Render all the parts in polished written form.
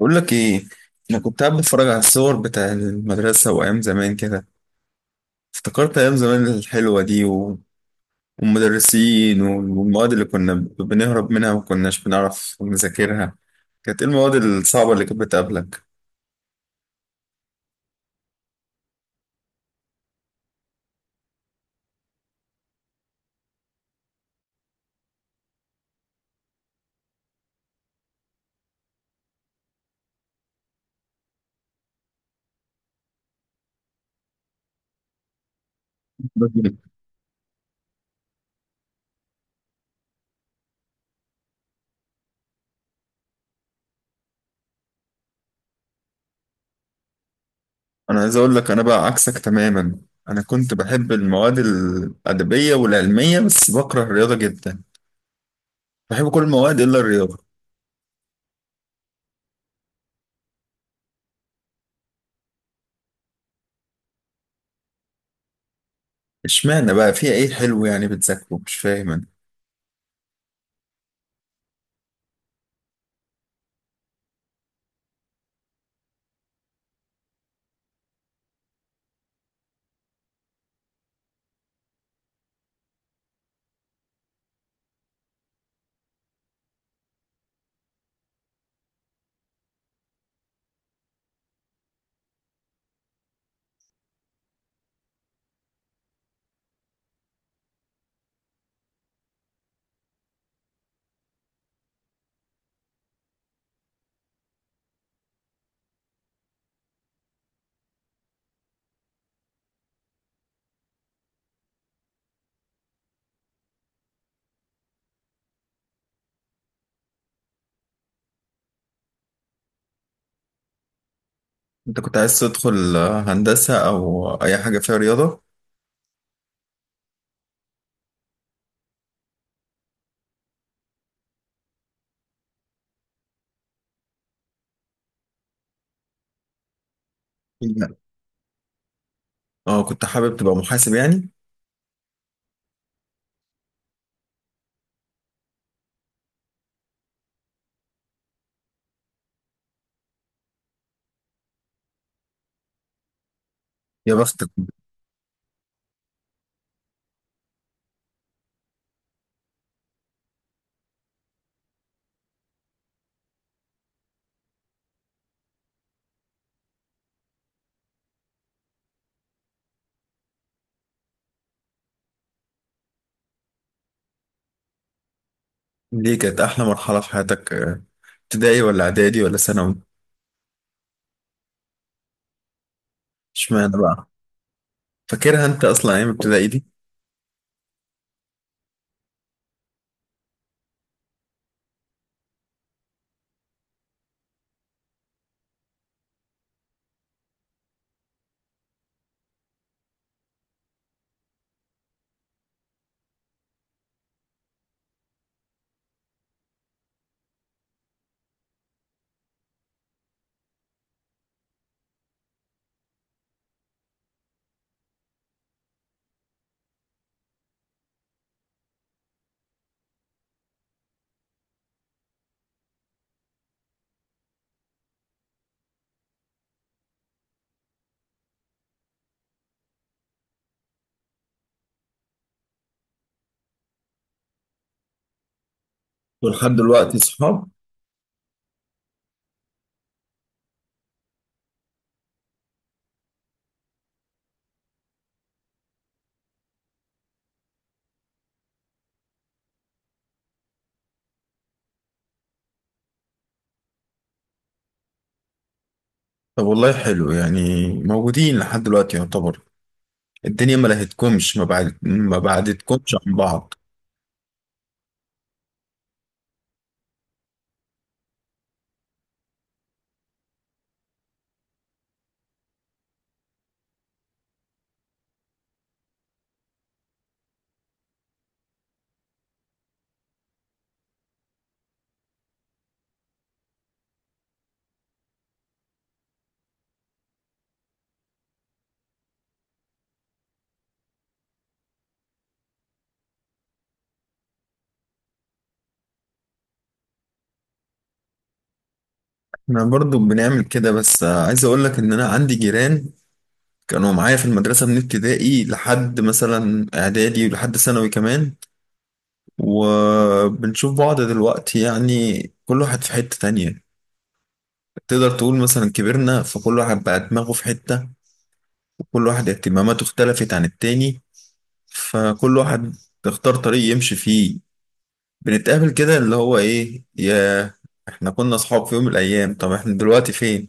بقول لك ايه. انا كنت قاعد بتفرج على الصور بتاع المدرسه وايام زمان كده، افتكرت ايام زمان الحلوه دي والمدرسين والمواد اللي كنا بنهرب منها وما كناش بنعرف نذاكرها. كانت ايه المواد الصعبه اللي كانت بتقابلك؟ انا عايز اقول لك، انا بقى عكسك تماما. انا كنت بحب المواد الادبيه والعلميه بس بكره الرياضه جدا. بحب كل المواد الا الرياضه. اشمعنى بقى؟ فيها ايه حلو يعني بتذاكره؟ مش فاهم أنا. انت كنت عايز تدخل هندسة او اي حاجة فيها رياضة؟ لا. اه، كنت حابب تبقى محاسب يعني؟ يا بختك. ليه كانت احلى مرحلة في حياتك، ابتدائي ولا اعدادي ولا ثانوي؟ اشمعنى بقى؟ فاكرها انت اصلا ايام ابتدائي دي؟ ولحد دلوقتي صحاب؟ طب والله حلو، يعني موجودين لحد دلوقتي يعتبر. الدنيا ما لهتكمش، ما بعد ما بعدتكمش عن بعض. احنا برضو بنعمل كده، بس عايز اقول لك ان انا عندي جيران كانوا معايا في المدرسة من ابتدائي لحد مثلا إعدادي ولحد ثانوي كمان، وبنشوف بعض دلوقتي يعني كل واحد في حتة تانية. تقدر تقول مثلا كبرنا فكل واحد بقى دماغه في حتة، وكل واحد اهتماماته اختلفت عن التاني. فكل واحد اختار طريق يمشي فيه. بنتقابل كده اللي هو إيه يا، إحنا كنا أصحاب في يوم من الأيام، طب إحنا دلوقتي فين؟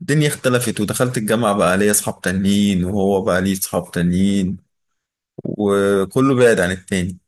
الدنيا اختلفت، ودخلت الجامعة بقى ليا أصحاب تانيين، وهو بقى ليه أصحاب تانيين، وكله بعد عن التاني.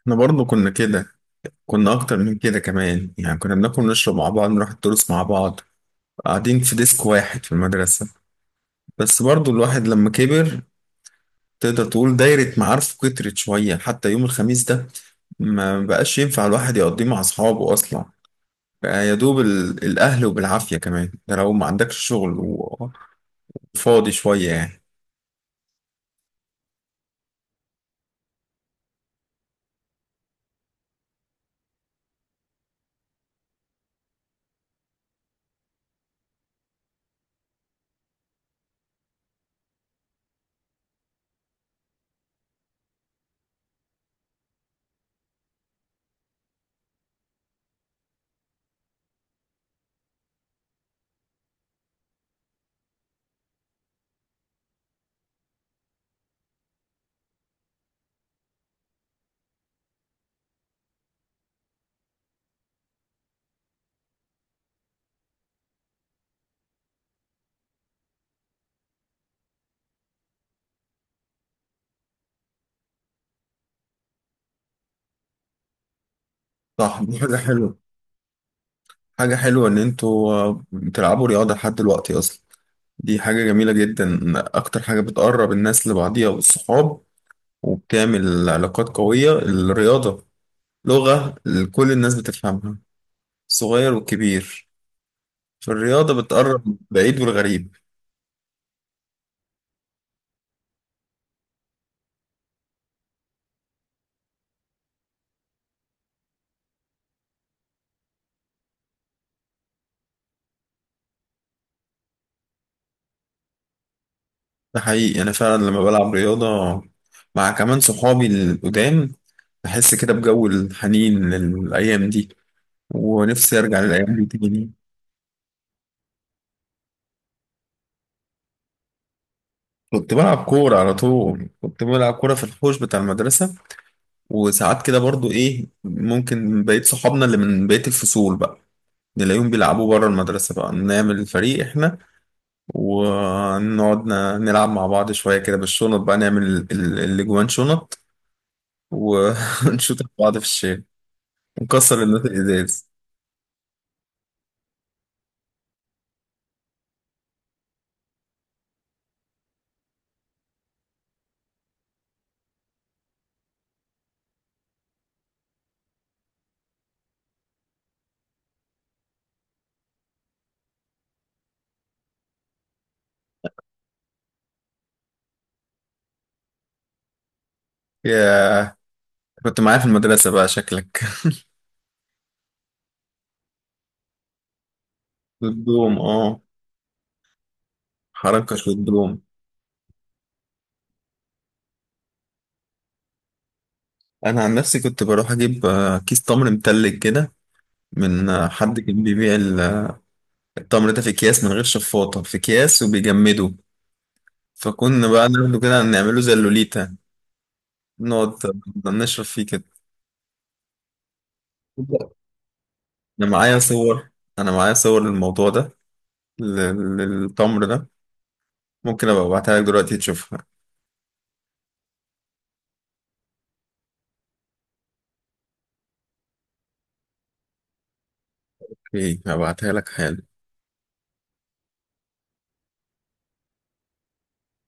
احنا برضه كنا كده، كنا اكتر من كده كمان يعني، كنا بناكل ونشرب مع بعض، نروح الدروس مع بعض، قاعدين في ديسك واحد في المدرسة. بس برضه الواحد لما كبر، تقدر تقول دايرة معارفه كترت شوية. حتى يوم الخميس ده ما بقاش ينفع الواحد يقضيه مع أصحابه أصلا، بقى يا دوب الأهل، وبالعافية كمان ده لو ما عندكش شغل وفاضي شوية يعني. صح، دي حاجة حلوة. حاجة حلوة إن أنتوا بتلعبوا رياضة لحد دلوقتي أصلا. دي حاجة جميلة جدا. أكتر حاجة بتقرب الناس لبعضيها والصحاب وبتعمل علاقات قوية الرياضة. لغة كل الناس بتفهمها، الصغير والكبير. فالرياضة بتقرب بعيد والغريب. ده حقيقي، أنا فعلا لما بلعب رياضة مع كمان صحابي القدام، بحس كده بجو الحنين للأيام دي، ونفسي أرجع للأيام دي تاني. كنت بلعب كورة على طول، كنت بلعب كورة في الحوش بتاع المدرسة. وساعات كده برضو ايه، ممكن بقية صحابنا اللي من بقية الفصول بقى نلاقيهم بيلعبوا بره المدرسة، بقى نعمل فريق احنا ونقعد نلعب مع بعض شوية كده بالشنط، بقى نعمل الاجوان شنط و- ونشوط بعض في الشارع ونكسر الناس الازاز. يا، كنت معايا في المدرسة بقى شكلك. الدوم، اه. حرنكش والدوم. انا عن نفسي كنت بروح اجيب كيس تمر متلج كده، من حد كان بيبيع التمر ده في اكياس من غير شفاطة، في اكياس وبيجمده. فكنا بقى ناخده كده نعمله زي اللوليتا، نقعد نشرب فيه كده. انا معايا صور، انا معايا صور للموضوع ده، للتمر ده. ممكن ابقى ابعتها لك دلوقتي تشوفها. اوكي، هبعتها لك حالا.